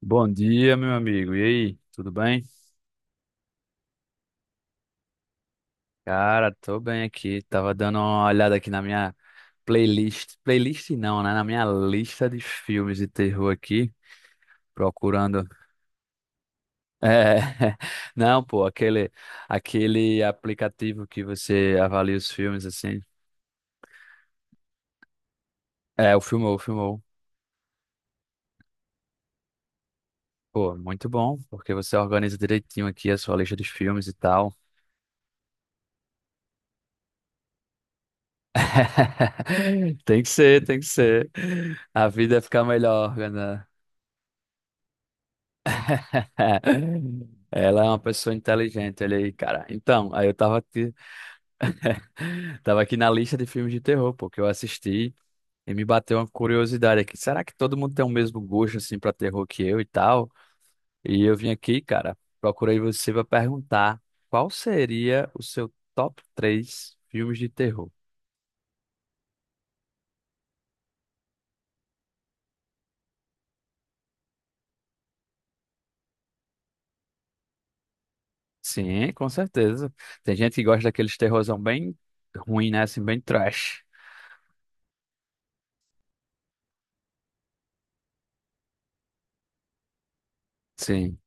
Bom dia, meu amigo. E aí, tudo bem? Cara, tô bem aqui. Tava dando uma olhada aqui na minha playlist. Playlist não, né? Na minha lista de filmes de terror aqui, procurando. É, não, pô, aquele aplicativo que você avalia os filmes assim. É, o Filmou, o Filmou. Pô, muito bom, porque você organiza direitinho aqui a sua lista de filmes e tal. Tem que ser, tem que ser. A vida fica melhor, né? Ela é uma pessoa inteligente, olha aí, cara. Então, aí eu tava aqui, tava aqui na lista de filmes de terror, pô, que eu assisti e me bateu uma curiosidade aqui. Será que todo mundo tem o mesmo gosto, assim, pra terror que eu e tal? E eu vim aqui, cara, procurei você pra perguntar qual seria o seu top 3 filmes de terror. Sim, com certeza. Tem gente que gosta daqueles terrorzão bem ruim, né? Assim, bem trash. Sim.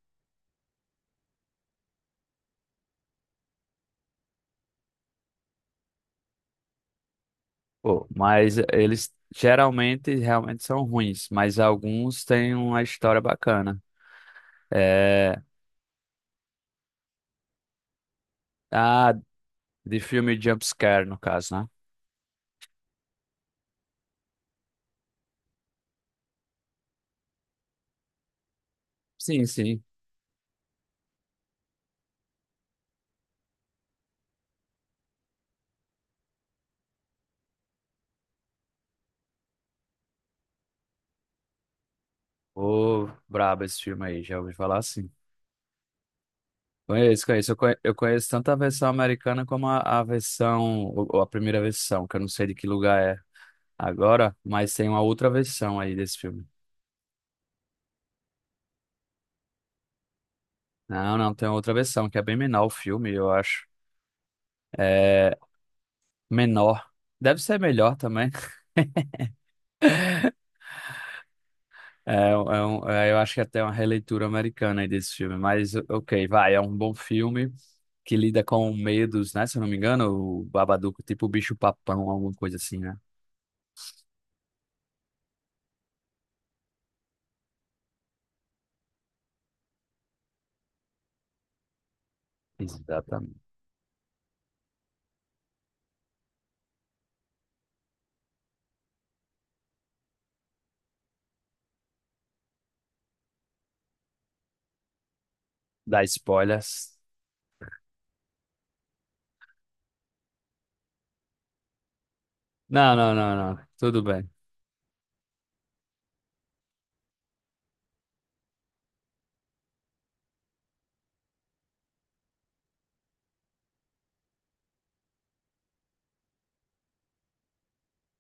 Pô, mas eles geralmente realmente são ruins, mas alguns têm uma história bacana. É, ah, de filme Jumpscare, no caso, né? Sim, sim. Ô, brabo esse filme aí, já ouvi falar assim. Conheço, conheço. Eu conheço tanto a versão americana como a versão, ou a primeira versão, que eu não sei de que lugar é agora, mas tem uma outra versão aí desse filme. Não, não, tem outra versão, que é bem menor o filme, eu acho. É menor. Deve ser melhor também. Eu acho que até uma releitura americana aí desse filme, mas ok, vai, é um bom filme que lida com medos, né? Se eu não me engano, o Babadook, tipo o bicho papão, alguma coisa assim, né? Exatamente. Dá spoilers. Não, não, não, não. Tudo bem.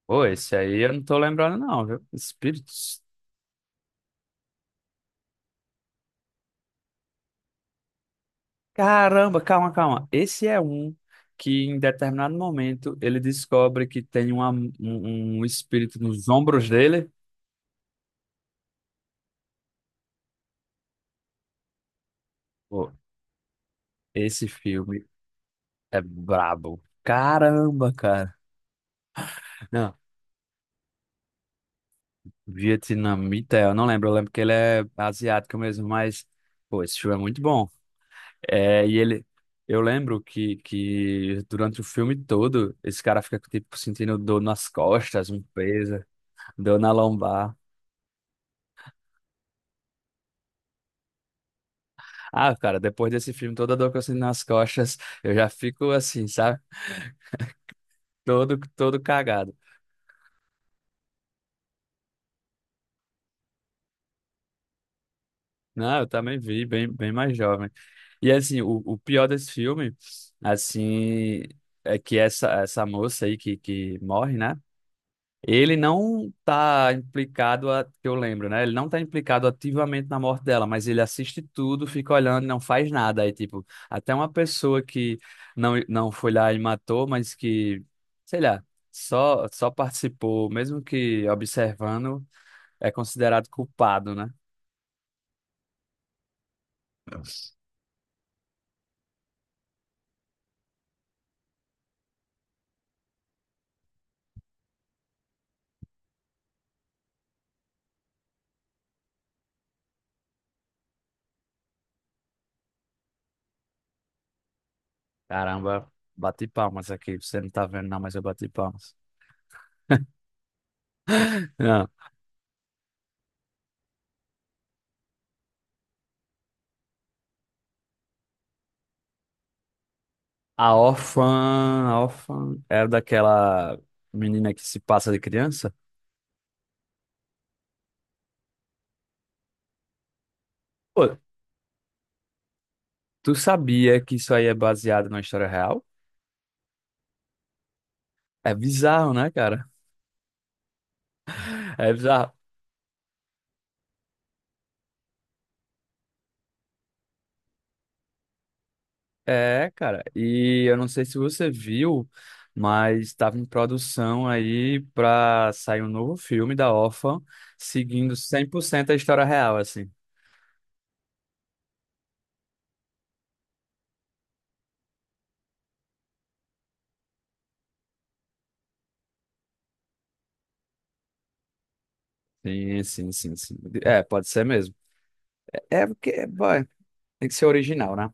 Pô, esse aí eu não tô lembrando, não, viu? Espíritos. Caramba, calma, calma. Esse é um que em determinado momento ele descobre que um espírito nos ombros dele. Pô, esse filme. É brabo. Caramba, cara. Não, vietnamita, eu não lembro. Eu lembro que ele é asiático mesmo, mas, pô, esse filme é muito bom. É, e ele. Eu lembro que durante o filme todo, esse cara fica, tipo, sentindo dor nas costas, um peso, dor na lombar. Ah, cara, depois desse filme, toda dor que eu sinto nas costas, eu já fico assim, sabe? Todo, todo cagado. Não, eu também vi, bem, bem mais jovem. E assim, o pior desse filme, assim, é que essa moça aí que morre, né? Ele não tá implicado, a, que eu lembro, né? Ele não tá implicado ativamente na morte dela, mas ele assiste tudo, fica olhando e não faz nada. Aí, tipo, até uma pessoa que não, não foi lá e matou, mas que, sei lá, só, só participou, mesmo que observando, é considerado culpado, né? Caramba, bati palmas aqui. Você não tá vendo, não, mas eu bati palmas. Não. A órfã, a órfã era daquela menina que se passa de criança? Pô, tu sabia que isso aí é baseado numa história real? É bizarro, né, cara? É bizarro. É, cara. E eu não sei se você viu, mas estava em produção aí pra sair um novo filme da órfã, seguindo 100% a história real, assim. Sim, sim, sim, sim. É, pode ser mesmo. É porque, vai, tem que ser original, né?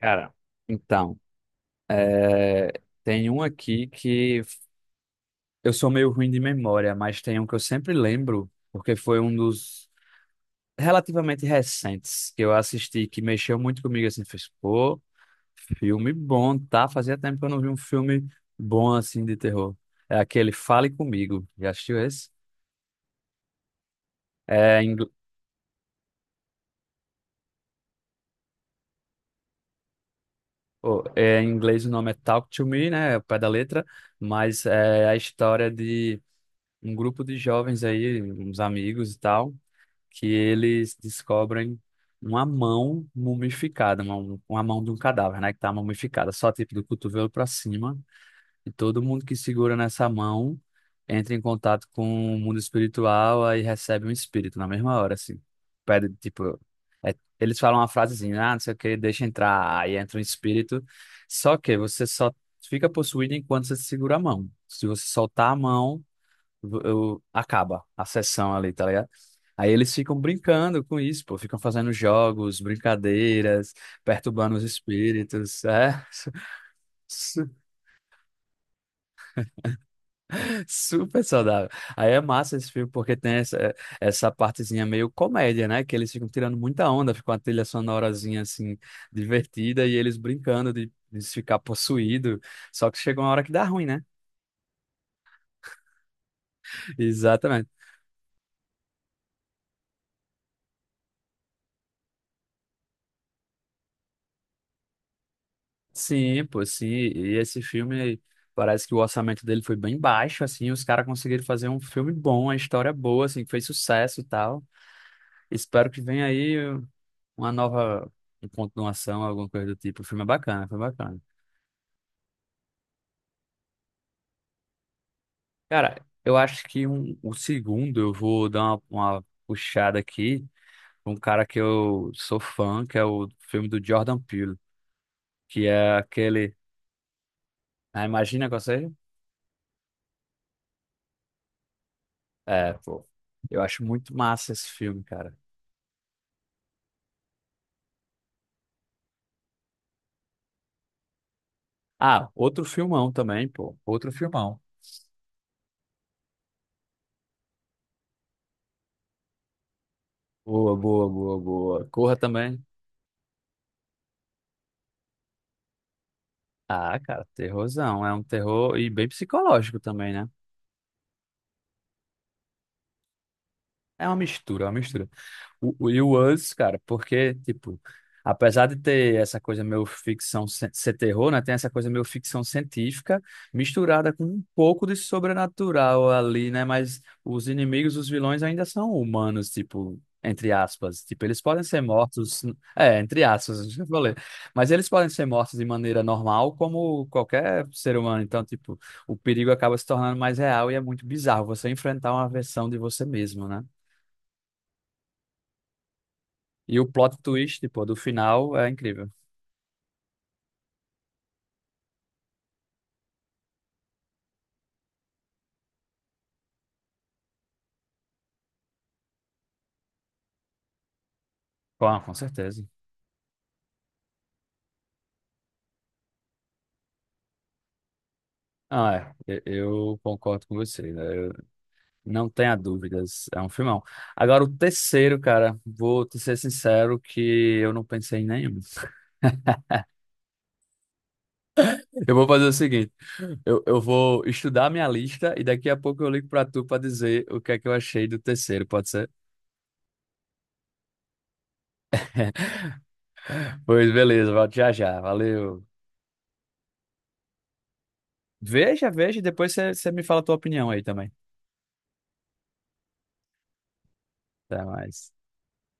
Cara, então, é, tem um aqui que eu sou meio ruim de memória, mas tem um que eu sempre lembro, porque foi um dos relativamente recentes que eu assisti, que mexeu muito comigo, assim, fez, pô, filme bom, tá? Fazia tempo que eu não vi um filme bom, assim, de terror. É aquele Fale Comigo, já assistiu esse? É, em, ingl- oh, é, em inglês o nome é Talk to Me, né? É o pé da letra, mas é a história de um grupo de jovens aí, uns amigos e tal, que eles descobrem uma mão mumificada, uma mão de um cadáver, né, que tá mumificada, só tipo do cotovelo para cima, e todo mundo que segura nessa mão entra em contato com o mundo espiritual, aí recebe um espírito na mesma hora, assim. Pede, tipo, eles falam uma frasezinha, ah, não sei o que, deixa entrar, aí entra um espírito, só que você só fica possuído enquanto você segura a mão. Se você soltar a mão, acaba a sessão ali, tá ligado? Aí eles ficam brincando com isso, pô, ficam fazendo jogos, brincadeiras, perturbando os espíritos, é super saudável. Aí é massa esse filme porque tem essa partezinha meio comédia, né? Que eles ficam tirando muita onda, fica uma trilha sonorazinha assim divertida e eles brincando de ficar possuído. Só que chega uma hora que dá ruim, né? Exatamente. Sim, pô, sim. E esse filme, parece que o orçamento dele foi bem baixo, assim, os caras conseguiram fazer um filme bom, uma história boa, assim, que fez sucesso e tal. Espero que venha aí uma nova continuação, alguma coisa do tipo. O filme é bacana, foi bacana. Cara, eu acho que um, o segundo eu vou dar uma puxada aqui, um cara que eu sou fã, que é o filme do Jordan Peele, que é aquele... Ah, imagina com você? É, pô, eu acho muito massa esse filme, cara. Ah, outro filmão também, pô. Outro filmão. Boa, boa, boa, boa. Corra também. Ah, cara, terrorzão. É um terror e bem psicológico também, né? É uma mistura, é uma mistura. E o Us, cara, porque, tipo, apesar de ter essa coisa meio ficção, ser terror, né? Tem essa coisa meio ficção científica misturada com um pouco de sobrenatural ali, né? Mas os inimigos, os vilões ainda são humanos, tipo, entre aspas. Tipo, eles podem ser mortos, é, entre aspas, já falei. Mas eles podem ser mortos de maneira normal, como qualquer ser humano. Então, tipo, o perigo acaba se tornando mais real e é muito bizarro você enfrentar uma versão de você mesmo, né? E o plot twist, pô, do final é incrível. Com certeza. Ah, é. Eu concordo com você, né? Eu- não tenha dúvidas. É um filmão. Agora, o terceiro, cara, vou te ser sincero que eu não pensei em nenhum. Eu vou fazer o seguinte: eu vou estudar minha lista e daqui a pouco eu ligo pra tu pra dizer o que é que eu achei do terceiro, pode ser? Pois beleza, volto já já. Valeu. Veja, veja, e depois você me fala a tua opinião aí também. Até mais.